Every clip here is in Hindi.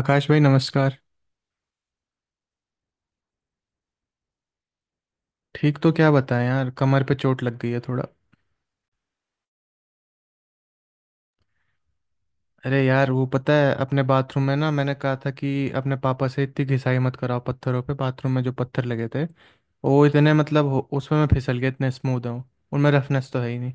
आकाश भाई नमस्कार। ठीक तो क्या बताएं यार, कमर पे चोट लग गई है थोड़ा। अरे यार वो पता है अपने बाथरूम में ना, मैंने कहा था कि अपने पापा से इतनी घिसाई मत कराओ पत्थरों पे। बाथरूम में जो पत्थर लगे थे वो इतने उसमें मैं फिसल गया, इतने स्मूथ हूँ उनमें रफनेस तो है ही नहीं।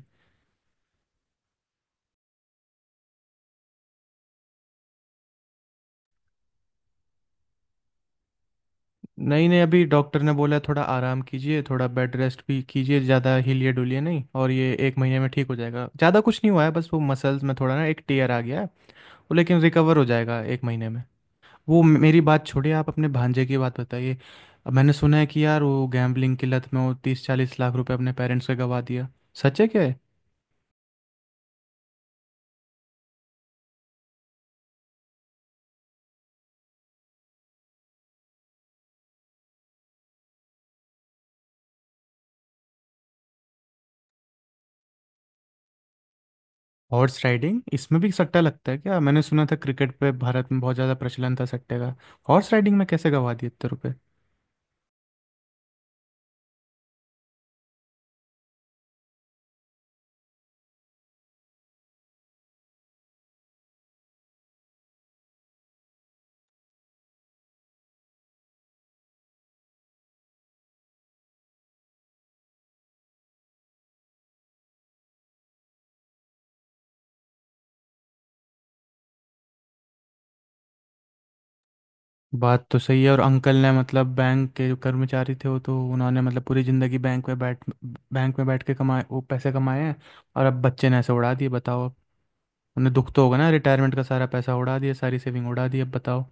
नहीं नहीं, अभी डॉक्टर ने बोला है, थोड़ा आराम कीजिए, थोड़ा बेड रेस्ट भी कीजिए, ज़्यादा हिलिए डुलिए नहीं, और ये एक महीने में ठीक हो जाएगा, ज़्यादा कुछ नहीं हुआ है, बस वो मसल्स में थोड़ा ना एक टेयर आ गया है वो। लेकिन रिकवर हो जाएगा एक महीने में। वो मेरी बात छोड़िए, आप अपने भांजे की बात बताइए। अब मैंने सुना है कि यार वो गैम्बलिंग की लत में वो 30-40 लाख रुपए अपने पेरेंट्स के गवा दिया, सच है क्या है? हॉर्स राइडिंग इसमें भी सट्टा लगता है क्या? मैंने सुना था क्रिकेट पे भारत में बहुत ज़्यादा प्रचलन था सट्टे का। हॉर्स राइडिंग में कैसे गवा दिए इतने रुपए? बात तो सही है। और अंकल ने मतलब बैंक के जो कर्मचारी थे, वो तो उन्होंने मतलब पूरी ज़िंदगी बैंक में बैठ के कमाए, वो पैसे कमाए हैं। और अब बच्चे ने ऐसे उड़ा दिए बताओ अब। उन्हें दुख तो होगा ना, रिटायरमेंट का सारा पैसा उड़ा दिया, सारी सेविंग उड़ा दी अब बताओ।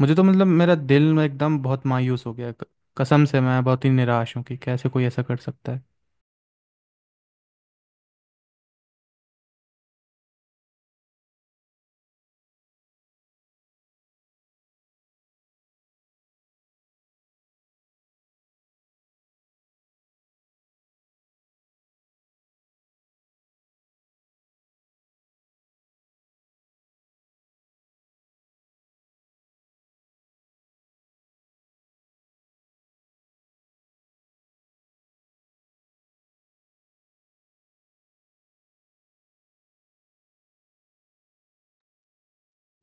मुझे तो मतलब मेरा दिल में एकदम बहुत मायूस हो गया, कसम से मैं बहुत ही निराश हूँ कि कैसे कोई ऐसा कर सकता है।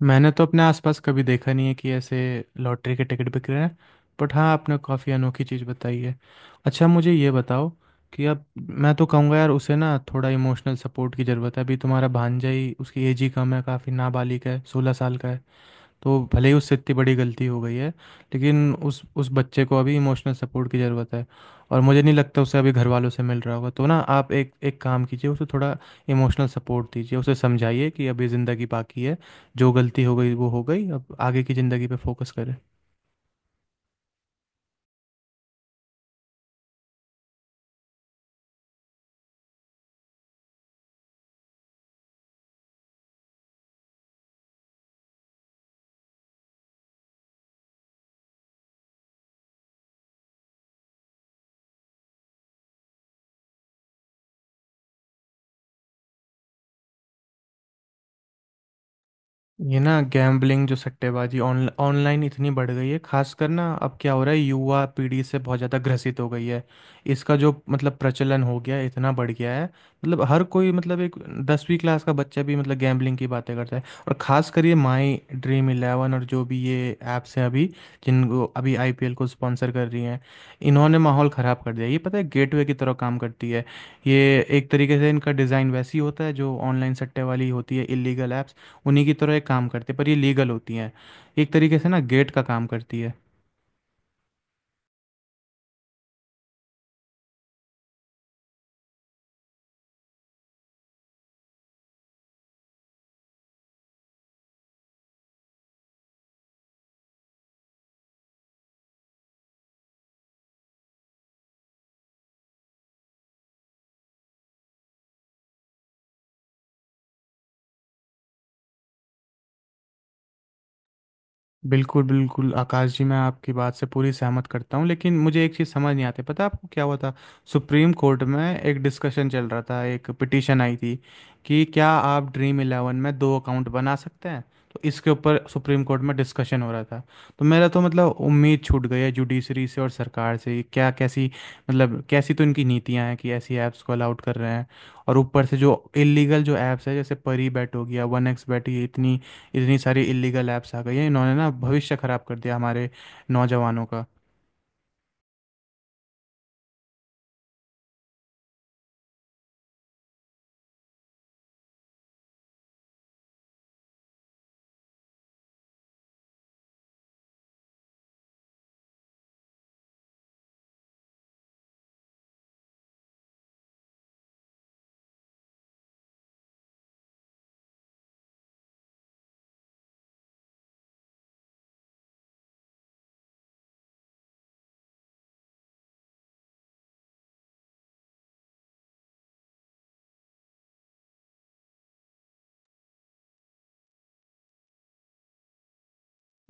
मैंने तो अपने आसपास कभी देखा नहीं है कि ऐसे लॉटरी के टिकट बिक रहे हैं। बट हाँ, आपने काफ़ी अनोखी चीज़ बताई है। अच्छा मुझे ये बताओ कि अब मैं तो कहूँगा यार उसे ना थोड़ा इमोशनल सपोर्ट की ज़रूरत है, अभी तुम्हारा भांजा ही उसकी एज ही कम है, काफ़ी नाबालिग है, 16 साल का है। तो भले ही उससे इतनी बड़ी गलती हो गई है, लेकिन उस बच्चे को अभी इमोशनल सपोर्ट की ज़रूरत है, और मुझे नहीं लगता उसे अभी घर वालों से मिल रहा होगा। तो ना आप एक एक काम कीजिए, उसे थोड़ा इमोशनल सपोर्ट दीजिए, उसे समझाइए कि अभी ज़िंदगी बाकी है, जो गलती हो गई वो हो गई, अब आगे की ज़िंदगी पे फोकस करें। ये ना गैम्बलिंग जो सट्टेबाजी ऑन ऑनलाइन इतनी बढ़ गई है, खासकर ना अब क्या हो रहा है युवा पीढ़ी से बहुत ज़्यादा ग्रसित हो गई है। इसका जो मतलब प्रचलन हो गया है इतना बढ़ गया है, मतलब हर कोई, मतलब एक 10वीं क्लास का बच्चा भी मतलब गैम्बलिंग की बातें करता है। और खासकर ये माई ड्रीम इलेवन और जो भी ये ऐप्स हैं अभी जिनको अभी आईपीएल को स्पॉन्सर कर रही हैं, इन्होंने माहौल ख़राब कर दिया। ये पता है गेटवे की तरह काम करती है ये, एक तरीके से इनका डिज़ाइन वैसी होता है जो ऑनलाइन सट्टे वाली होती है, इलीगल ऐप्स, उन्हीं की तरह एक काम करती है, पर ये लीगल होती हैं। एक तरीके से ना गेट का काम करती है। बिल्कुल, बिल्कुल, आकाश जी, मैं आपकी बात से पूरी सहमत करता हूँ, लेकिन मुझे एक चीज़ समझ नहीं आती, पता है आपको क्या हुआ था? सुप्रीम कोर्ट में एक डिस्कशन चल रहा था, एक पिटीशन आई थी कि क्या आप ड्रीम इलेवन में 2 अकाउंट बना सकते हैं? तो इसके ऊपर सुप्रीम कोर्ट में डिस्कशन हो रहा था। तो मेरा तो मतलब उम्मीद छूट गई है जुडिशरी से और सरकार से। क्या कैसी मतलब कैसी तो इनकी नीतियाँ हैं कि ऐसी ऐप्स को अलाउड कर रहे हैं? और ऊपर से जो इलीगल जो ऐप्स है, जैसे परी बैट हो गया, वन एक्स बैट, ये इतनी इतनी सारी इलीगल ऐप्स आ गई हैं, इन्होंने ना भविष्य खराब कर दिया हमारे नौजवानों का।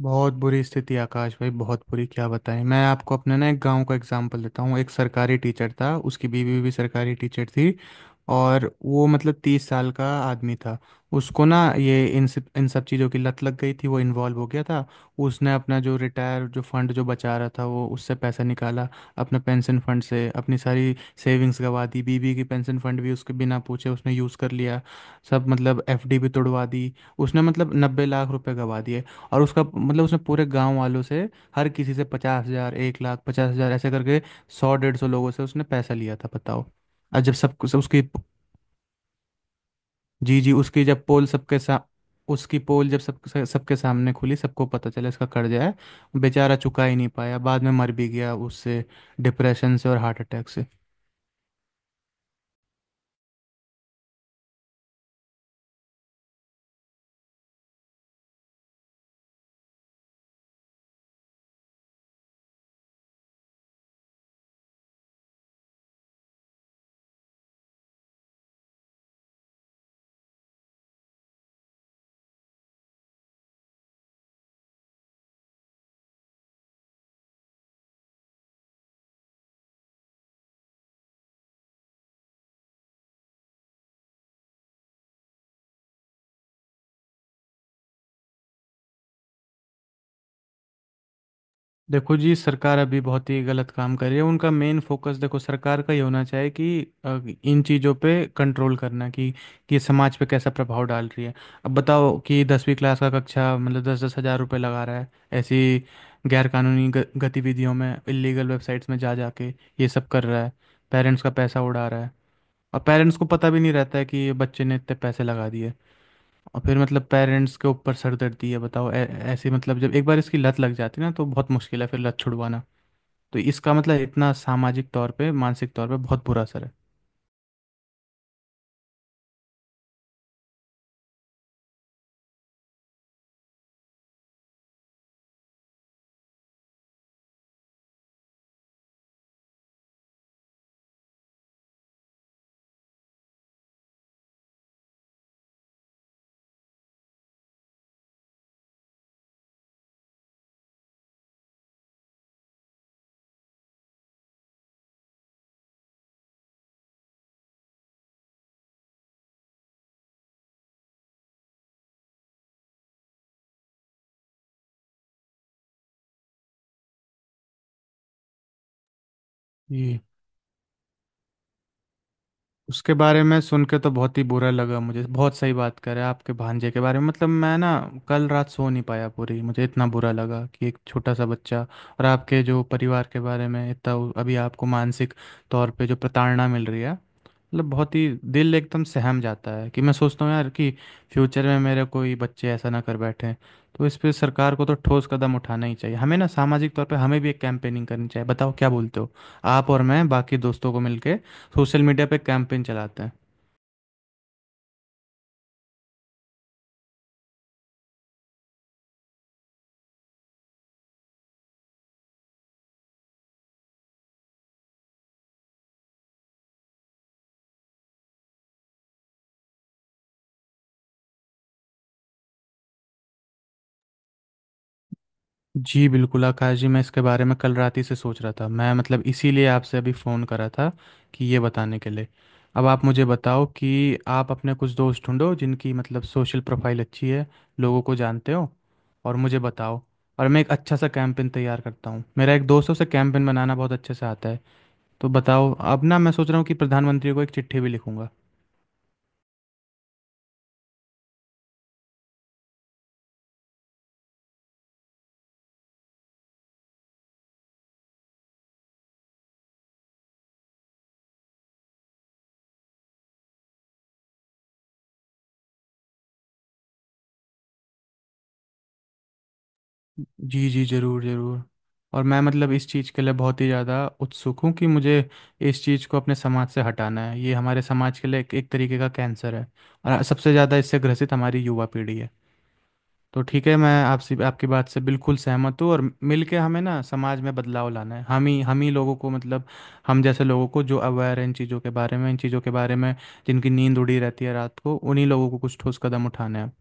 बहुत बुरी स्थिति आकाश भाई, बहुत बुरी, क्या बताएं। मैं आपको अपने ना एक गांव का एग्जांपल देता हूँ, एक सरकारी टीचर था, उसकी बीवी भी सरकारी टीचर थी, और वो मतलब 30 साल का आदमी था। उसको ना ये इन सब चीज़ों की लत लग गई थी, वो इन्वॉल्व हो गया था। उसने अपना जो रिटायर जो फंड जो बचा रहा था वो उससे पैसा निकाला, अपना पेंशन फंड से अपनी सारी सेविंग्स गवा दी, बीबी की पेंशन फंड भी उसके बिना पूछे उसने यूज़ कर लिया, सब, मतलब एफडी भी तोड़वा दी। उसने मतलब 90 लाख रुपए गवा दिए। और उसका मतलब उसने पूरे गांव वालों से, हर किसी से 50,000 1,00,000 50,000 ऐसे करके 100 150 लोगों से उसने पैसा लिया था बताओ। और जब सब सब उसकी, जी जी, उसकी पोल जब सब सब- सबके सामने खुली, सबको पता चला इसका कर्जा है, बेचारा चुका ही नहीं पाया, बाद में मर भी गया उससे, डिप्रेशन से और हार्ट अटैक से। देखो जी, सरकार अभी बहुत ही गलत काम कर रही है। उनका मेन फोकस, देखो, सरकार का ही होना चाहिए कि इन चीज़ों पे कंट्रोल करना, कि समाज पे कैसा प्रभाव डाल रही है। अब बताओ कि 10वीं क्लास का कक्षा मतलब 10 10 हज़ार रुपये लगा रहा है, ऐसी गैरकानूनी गतिविधियों में, इलीगल वेबसाइट्स में जा जाके ये सब कर रहा है, पेरेंट्स का पैसा उड़ा रहा है, और पेरेंट्स को पता भी नहीं रहता है कि बच्चे ने इतने पैसे लगा दिए, और फिर मतलब पेरेंट्स के ऊपर सरदर्दी है बताओ। ऐसे मतलब जब एक बार इसकी लत लग जाती है ना तो बहुत मुश्किल है फिर लत छुड़वाना। तो इसका मतलब इतना सामाजिक तौर पे मानसिक तौर पे बहुत बुरा असर है। जी, उसके बारे में सुन के तो बहुत ही बुरा लगा मुझे, बहुत सही बात करे आपके भांजे के बारे में। मतलब मैं ना कल रात सो नहीं पाया पूरी, मुझे इतना बुरा लगा कि एक छोटा सा बच्चा, और आपके जो परिवार के बारे में इतना, अभी आपको मानसिक तौर पे जो प्रताड़ना मिल रही है, मतलब बहुत ही दिल एकदम सहम जाता है कि मैं सोचता हूँ यार कि फ्यूचर में मेरे कोई बच्चे ऐसा ना कर बैठे। तो इस पे सरकार को तो ठोस कदम उठाना ही चाहिए, हमें ना सामाजिक तौर पे हमें भी एक कैंपेनिंग करनी चाहिए, बताओ क्या बोलते हो? आप और मैं बाकी दोस्तों को मिलके सोशल मीडिया पे कैंपेन चलाते हैं। जी बिल्कुल आकाश जी, मैं इसके बारे में कल रात ही से सोच रहा था, मैं मतलब इसीलिए आपसे अभी फ़ोन करा था कि ये बताने के लिए। अब आप मुझे बताओ कि आप अपने कुछ दोस्त ढूंढो जिनकी मतलब सोशल प्रोफाइल अच्छी है, लोगों को जानते हो, और मुझे बताओ, और मैं एक अच्छा सा कैंपेन तैयार करता हूँ, मेरा एक दोस्त है उसे कैंपेन बनाना बहुत अच्छे से आता है। तो बताओ, अब ना मैं सोच रहा हूँ कि प्रधानमंत्री को एक चिट्ठी भी लिखूंगा। जी जी, ज़रूर ज़रूर। और मैं मतलब इस चीज़ के लिए बहुत ही ज़्यादा उत्सुक हूँ कि मुझे इस चीज़ को अपने समाज से हटाना है, ये हमारे समाज के लिए एक, एक तरीके का कैंसर है, और सबसे ज़्यादा इससे ग्रसित हमारी युवा पीढ़ी है। तो ठीक है, मैं आपसे, आपकी बात से बिल्कुल सहमत हूँ। और मिलके हमें ना समाज में बदलाव लाना है, हम ही लोगों को मतलब हम जैसे लोगों को जो अवेयर है इन चीज़ों के बारे में, इन चीज़ों के बारे में जिनकी नींद उड़ी रहती है रात को, उन्हीं लोगों को कुछ ठोस कदम उठाने हैं।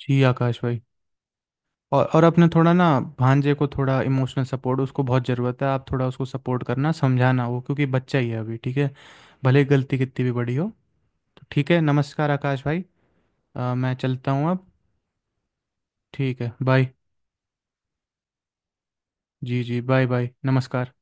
जी आकाश भाई, और अपने थोड़ा ना भांजे को थोड़ा इमोशनल सपोर्ट उसको बहुत ज़रूरत है, आप थोड़ा उसको सपोर्ट करना समझाना वो, क्योंकि बच्चा ही है अभी, ठीक है? भले गलती कितनी भी बड़ी हो। तो ठीक है, नमस्कार आकाश भाई। मैं चलता हूँ अब। ठीक है, बाय। जी जी, बाय बाय, नमस्कार।